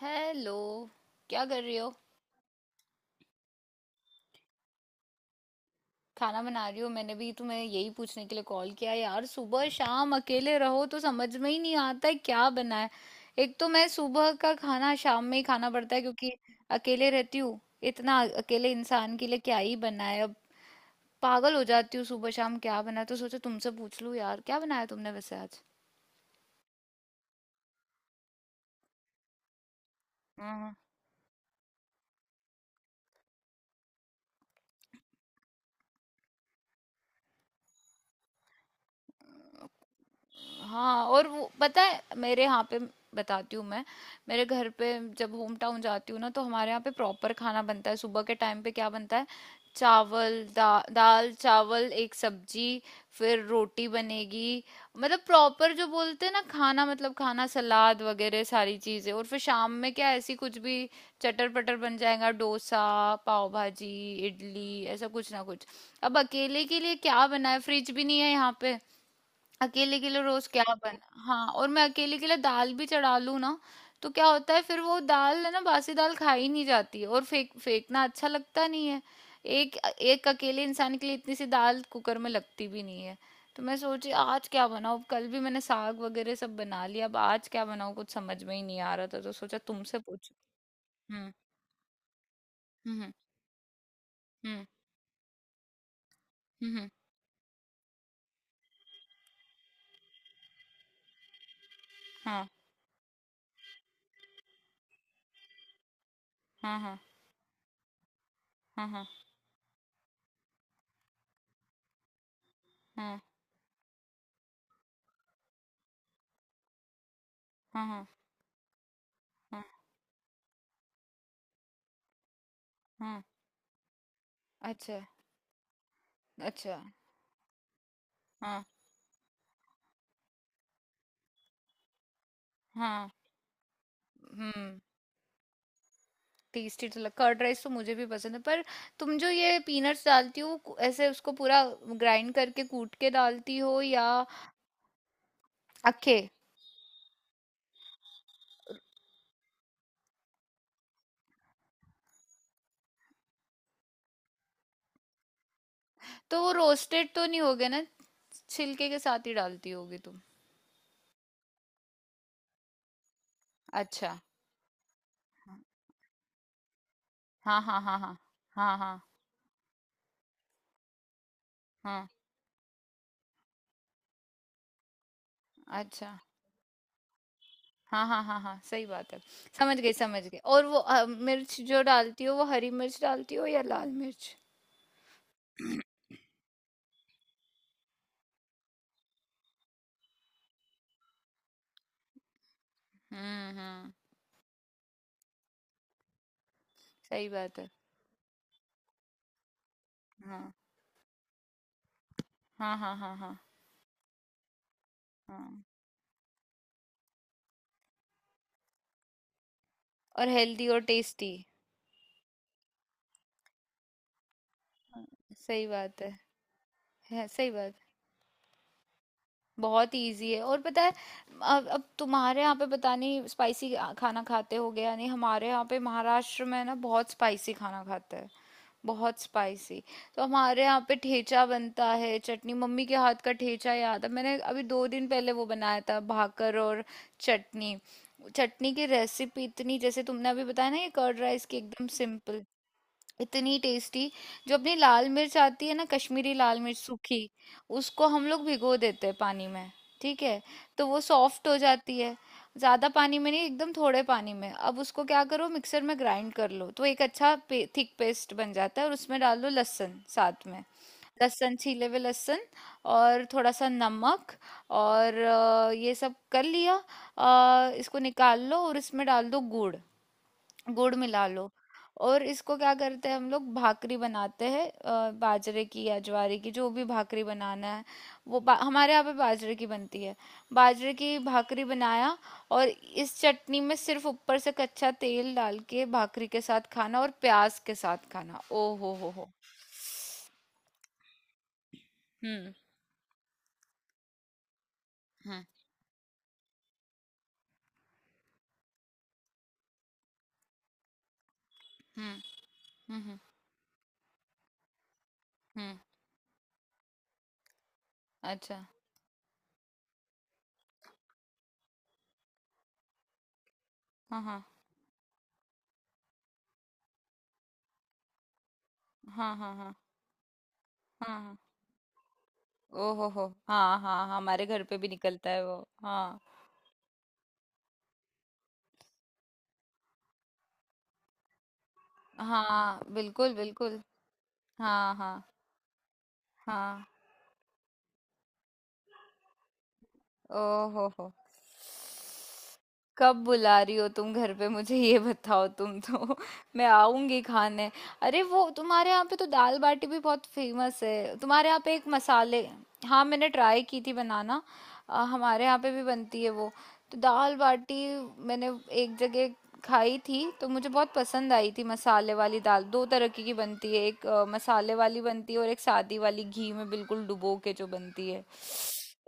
Hello. क्या कर रही हो। खाना बना रही हो? मैंने भी तुम्हें यही पूछने के लिए कॉल किया यार। सुबह शाम अकेले रहो तो समझ में ही नहीं आता है क्या बनाए। एक तो मैं सुबह का खाना शाम में ही खाना पड़ता है क्योंकि अकेले रहती हूँ। इतना अकेले इंसान के लिए क्या ही बनाए अब। पागल हो जाती हूँ सुबह शाम क्या बनाए तो सोचा तुमसे पूछ लूँ यार क्या बनाया तुमने वैसे आज। हाँ और वो पता है मेरे यहाँ पे बताती हूँ मैं मेरे घर पे जब होम टाउन जाती हूँ ना तो हमारे यहाँ पे प्रॉपर खाना बनता है। सुबह के टाइम पे क्या बनता है चावल दाल चावल एक सब्जी। फिर रोटी बनेगी। मतलब प्रॉपर जो बोलते हैं ना खाना मतलब खाना सलाद वगैरह सारी चीजें। और फिर शाम में क्या ऐसी कुछ भी चटर पटर बन जाएगा, डोसा, पाव भाजी, इडली, ऐसा कुछ ना कुछ। अब अकेले के लिए क्या बना है, फ्रिज भी नहीं है यहाँ पे। अकेले के लिए रोज क्या बना। हाँ और मैं अकेले के लिए दाल भी चढ़ा लूँ ना, तो क्या होता है फिर वो दाल है ना, बासी दाल खाई नहीं जाती है और फेंक फेंकना अच्छा लगता नहीं है। एक एक अकेले इंसान के लिए इतनी सी दाल कुकर में लगती भी नहीं है। तो मैं सोची आज क्या बनाऊँ, कल भी मैंने साग वगैरह सब बना लिया, अब आज क्या बनाऊँ कुछ समझ में ही नहीं आ रहा था तो सोचा तुमसे पूछ। हम्म। हम्म। हम्म। हम्म। हाँ। हाँ हाँ हाँ। हाँ हाँ हाँ हाँ। हाँ हाँ, हाँ, अच्छा। अच्छा। हाँ हाँ। हम्म। टेस्टी तो लग, कर्ड राइस तो मुझे भी पसंद है, पर तुम जो ये पीनट्स डालती हो ऐसे उसको पूरा ग्राइंड करके कूट के डालती हो या। अखे। तो वो रोस्टेड तो नहीं होगे ना, छिलके के साथ ही डालती होगी तुम। अच्छा। हाँ हाँ हाँ हाँ। हाँ हाँ हाँ। अच्छा। हाँ हाँ हाँ हाँ। सही बात है। समझ गई समझ गई। और वो मिर्च जो डालती हो, वो हरी मिर्च डालती हो या लाल मिर्च। हम्म। सही बात है। हाँ हाँ हाँ। हाँ हाँ हाँ। और हेल्दी और टेस्टी। सही बात है सही बात है। बहुत इजी है। और पता है अब तुम्हारे यहाँ पे पता नहीं स्पाइसी खाना खाते हो गया नहीं, हमारे यहाँ पे महाराष्ट्र में ना बहुत स्पाइसी खाना खाते हैं। बहुत स्पाइसी। तो हमारे यहाँ पे ठेचा बनता है चटनी, मम्मी के हाथ का ठेचा। याद है मैंने अभी 2 दिन पहले वो बनाया था भाकर और चटनी। चटनी की रेसिपी इतनी, जैसे तुमने अभी बताया ना ये कर्ड राइस की एकदम सिंपल, इतनी टेस्टी। जो अपनी लाल मिर्च आती है ना कश्मीरी लाल मिर्च सूखी, उसको हम लोग भिगो देते हैं पानी में। ठीक है। तो वो सॉफ्ट हो जाती है। ज्यादा पानी में नहीं, एकदम थोड़े पानी में। अब उसको क्या करो, मिक्सर में ग्राइंड कर लो, तो एक अच्छा थिक पेस्ट बन जाता है। और उसमें डाल दो लहसुन साथ में, लहसुन छीले हुए लहसुन। और थोड़ा सा नमक। और ये सब कर लिया इसको निकाल लो और इसमें डाल दो गुड़। गुड़ मिला लो। और इसको क्या करते हैं, हम लोग भाकरी बनाते हैं बाजरे की या ज्वारे की, जो भी भाकरी बनाना है। वो हमारे यहाँ पे बाजरे की बनती है। बाजरे की भाकरी बनाया। और इस चटनी में सिर्फ ऊपर से कच्चा तेल डाल के भाकरी के साथ खाना और प्याज के साथ खाना, ओ हो हो। हम्म हम्म हम्म। हम्म हम्म हम्म, अच्छा। हाँ हाँ हाँ हाँ हाँ हाँ हाँ। ओ हो हो। हाँ हाँ हाँ, हमारे घर पे भी निकलता है वो। हाँ हाँ बिल्कुल बिल्कुल। हाँ हाँ हाँ। ओहो हो हो। कब बुला रही हो तुम घर पे मुझे, ये बताओ तुम तो मैं आऊंगी खाने। अरे वो तुम्हारे यहाँ पे तो दाल बाटी भी बहुत फेमस है, तुम्हारे यहाँ पे एक मसाले। हाँ मैंने ट्राई की थी बनाना। हमारे यहाँ पे भी बनती है वो, तो दाल बाटी मैंने एक जगह खाई थी तो मुझे बहुत पसंद आई थी मसाले वाली दाल। दो तरह की बनती है, एक मसाले वाली बनती है और एक सादी वाली घी में बिल्कुल डुबो के जो बनती है।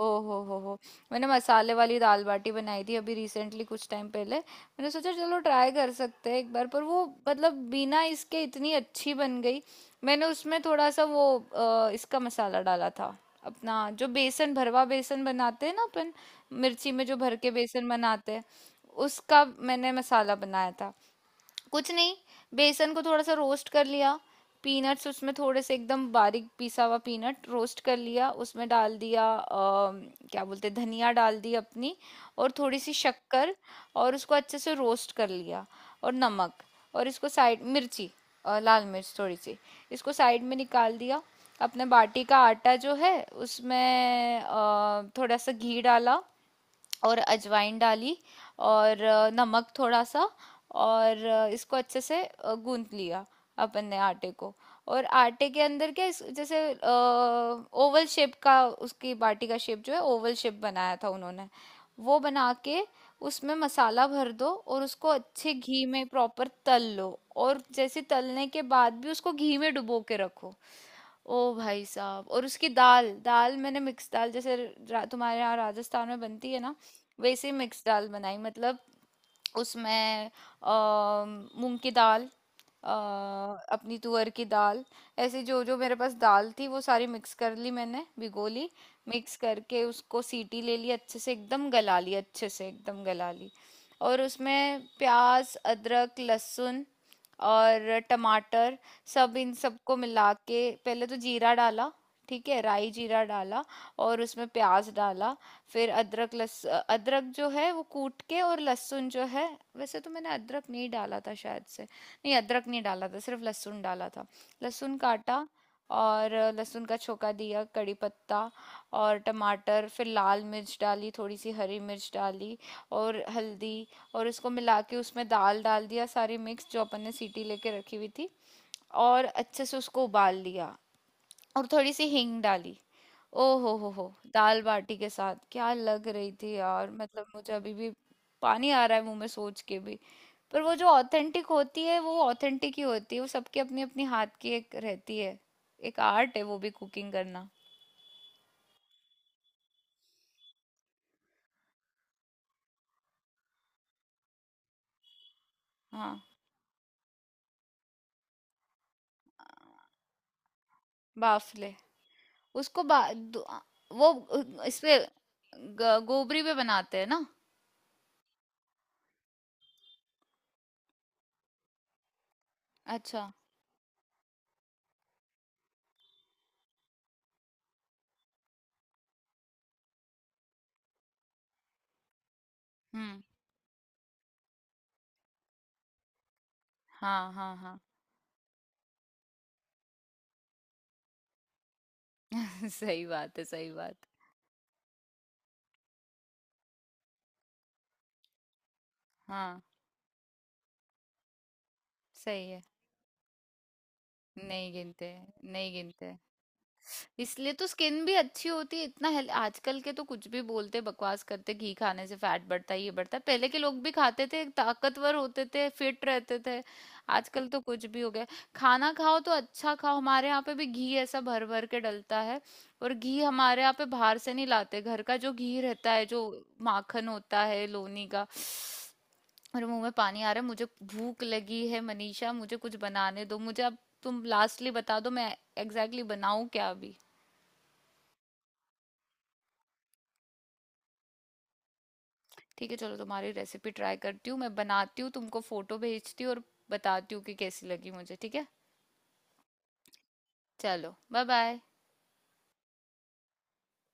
ओ हो हो। मैंने मसाले वाली दाल बाटी बनाई थी अभी रिसेंटली, कुछ टाइम पहले मैंने सोचा चलो ट्राई कर सकते हैं एक बार, पर वो मतलब बिना इसके इतनी अच्छी बन गई। मैंने उसमें थोड़ा सा वो इसका मसाला डाला था। अपना जो बेसन भरवा बेसन बनाते हैं ना अपन, मिर्ची में जो भर के बेसन बनाते हैं, उसका मैंने मसाला बनाया था। कुछ नहीं, बेसन को थोड़ा सा रोस्ट कर लिया, पीनट्स उसमें थोड़े से एकदम बारीक पिसा हुआ पीनट रोस्ट कर लिया, उसमें डाल दिया क्या बोलते हैं, धनिया डाल दी अपनी, और थोड़ी सी शक्कर, और उसको अच्छे से रोस्ट कर लिया, और नमक, और इसको साइड, मिर्ची लाल मिर्च थोड़ी सी, इसको साइड में निकाल दिया। अपने बाटी का आटा जो है उसमें थोड़ा सा घी डाला, और अजवाइन डाली, और नमक थोड़ा सा, और इसको अच्छे से गूंथ लिया अपन ने आटे को। और आटे के अंदर क्या जैसे ओवल शेप का, उसकी बाटी का शेप जो है ओवल शेप बनाया था उन्होंने। वो बना के उसमें मसाला भर दो और उसको अच्छे घी में प्रॉपर तल लो। और जैसे तलने के बाद भी उसको घी में डुबो के रखो। ओ भाई साहब। और उसकी दाल दाल मैंने मिक्स दाल जैसे तुम्हारे यहाँ राजस्थान में बनती है ना वैसे मिक्स दाल बनाई मतलब। उसमें अ, मूंग की दाल, अ, अपनी तुअर की दाल, ऐसे जो जो मेरे पास दाल थी वो सारी मिक्स कर ली, मैंने भिगो ली, मिक्स करके उसको सीटी ले ली अच्छे से, एकदम गला ली अच्छे से एकदम गला ली। और उसमें प्याज अदरक लहसुन और टमाटर, सब इन सबको मिला के पहले तो जीरा डाला, ठीक है, राई जीरा डाला, और उसमें प्याज डाला, फिर अदरक लस अदरक जो है वो कूट के, और लहसुन जो है, वैसे तो मैंने अदरक नहीं डाला था शायद से, नहीं अदरक नहीं डाला था, सिर्फ लहसुन डाला था, लहसुन काटा, और लहसुन का छोका दिया, कड़ी पत्ता और टमाटर, फिर लाल मिर्च डाली थोड़ी सी, हरी मिर्च डाली, और हल्दी, और इसको मिला के उसमें दाल डाल दिया सारी मिक्स जो अपन ने सीटी लेके रखी हुई थी, और अच्छे से उसको उबाल लिया, और थोड़ी सी हींग डाली। ओ हो, दाल बाटी के साथ क्या लग रही थी यार, मतलब मुझे अभी भी पानी आ रहा है मुंह में सोच के भी। पर वो जो ऑथेंटिक होती है वो ऑथेंटिक ही होती है, वो सबकी अपनी अपनी हाथ की एक रहती है। एक आर्ट है वो भी कुकिंग करना। हाँ, बाफले। उसको वो इसपे गोबरी पे बनाते हैं ना। अच्छा। हम्म। हाँ हाँ हाँ। सही बात है सही बात। हाँ सही है। नहीं गिनते, नहीं गिनते। इसलिए तो स्किन भी अच्छी होती है इतना हेल। आजकल के तो कुछ भी बोलते बकवास करते, घी खाने से फैट बढ़ता है, ये बढ़ता है। पहले के लोग भी खाते थे, ताकतवर होते थे, फिट रहते थे। आजकल तो कुछ भी हो गया। खाना खाओ तो अच्छा खाओ। हमारे यहाँ पे भी घी ऐसा भर भर के डलता है। और घी हमारे यहाँ पे बाहर से नहीं लाते, घर का जो घी रहता है, जो माखन होता है लोनी का। और मुंह में पानी आ रहा है मुझे। भूख लगी है मनीषा, मुझे कुछ बनाने दो मुझे अब। तुम लास्टली बता दो मैं एग्जैक्टली बनाऊं क्या अभी। ठीक है, चलो तुम्हारी रेसिपी ट्राई करती हूँ, मैं बनाती हूँ तुमको फोटो भेजती हूँ और बताती हूँ कि कैसी लगी मुझे, ठीक है। चलो बाय बाय।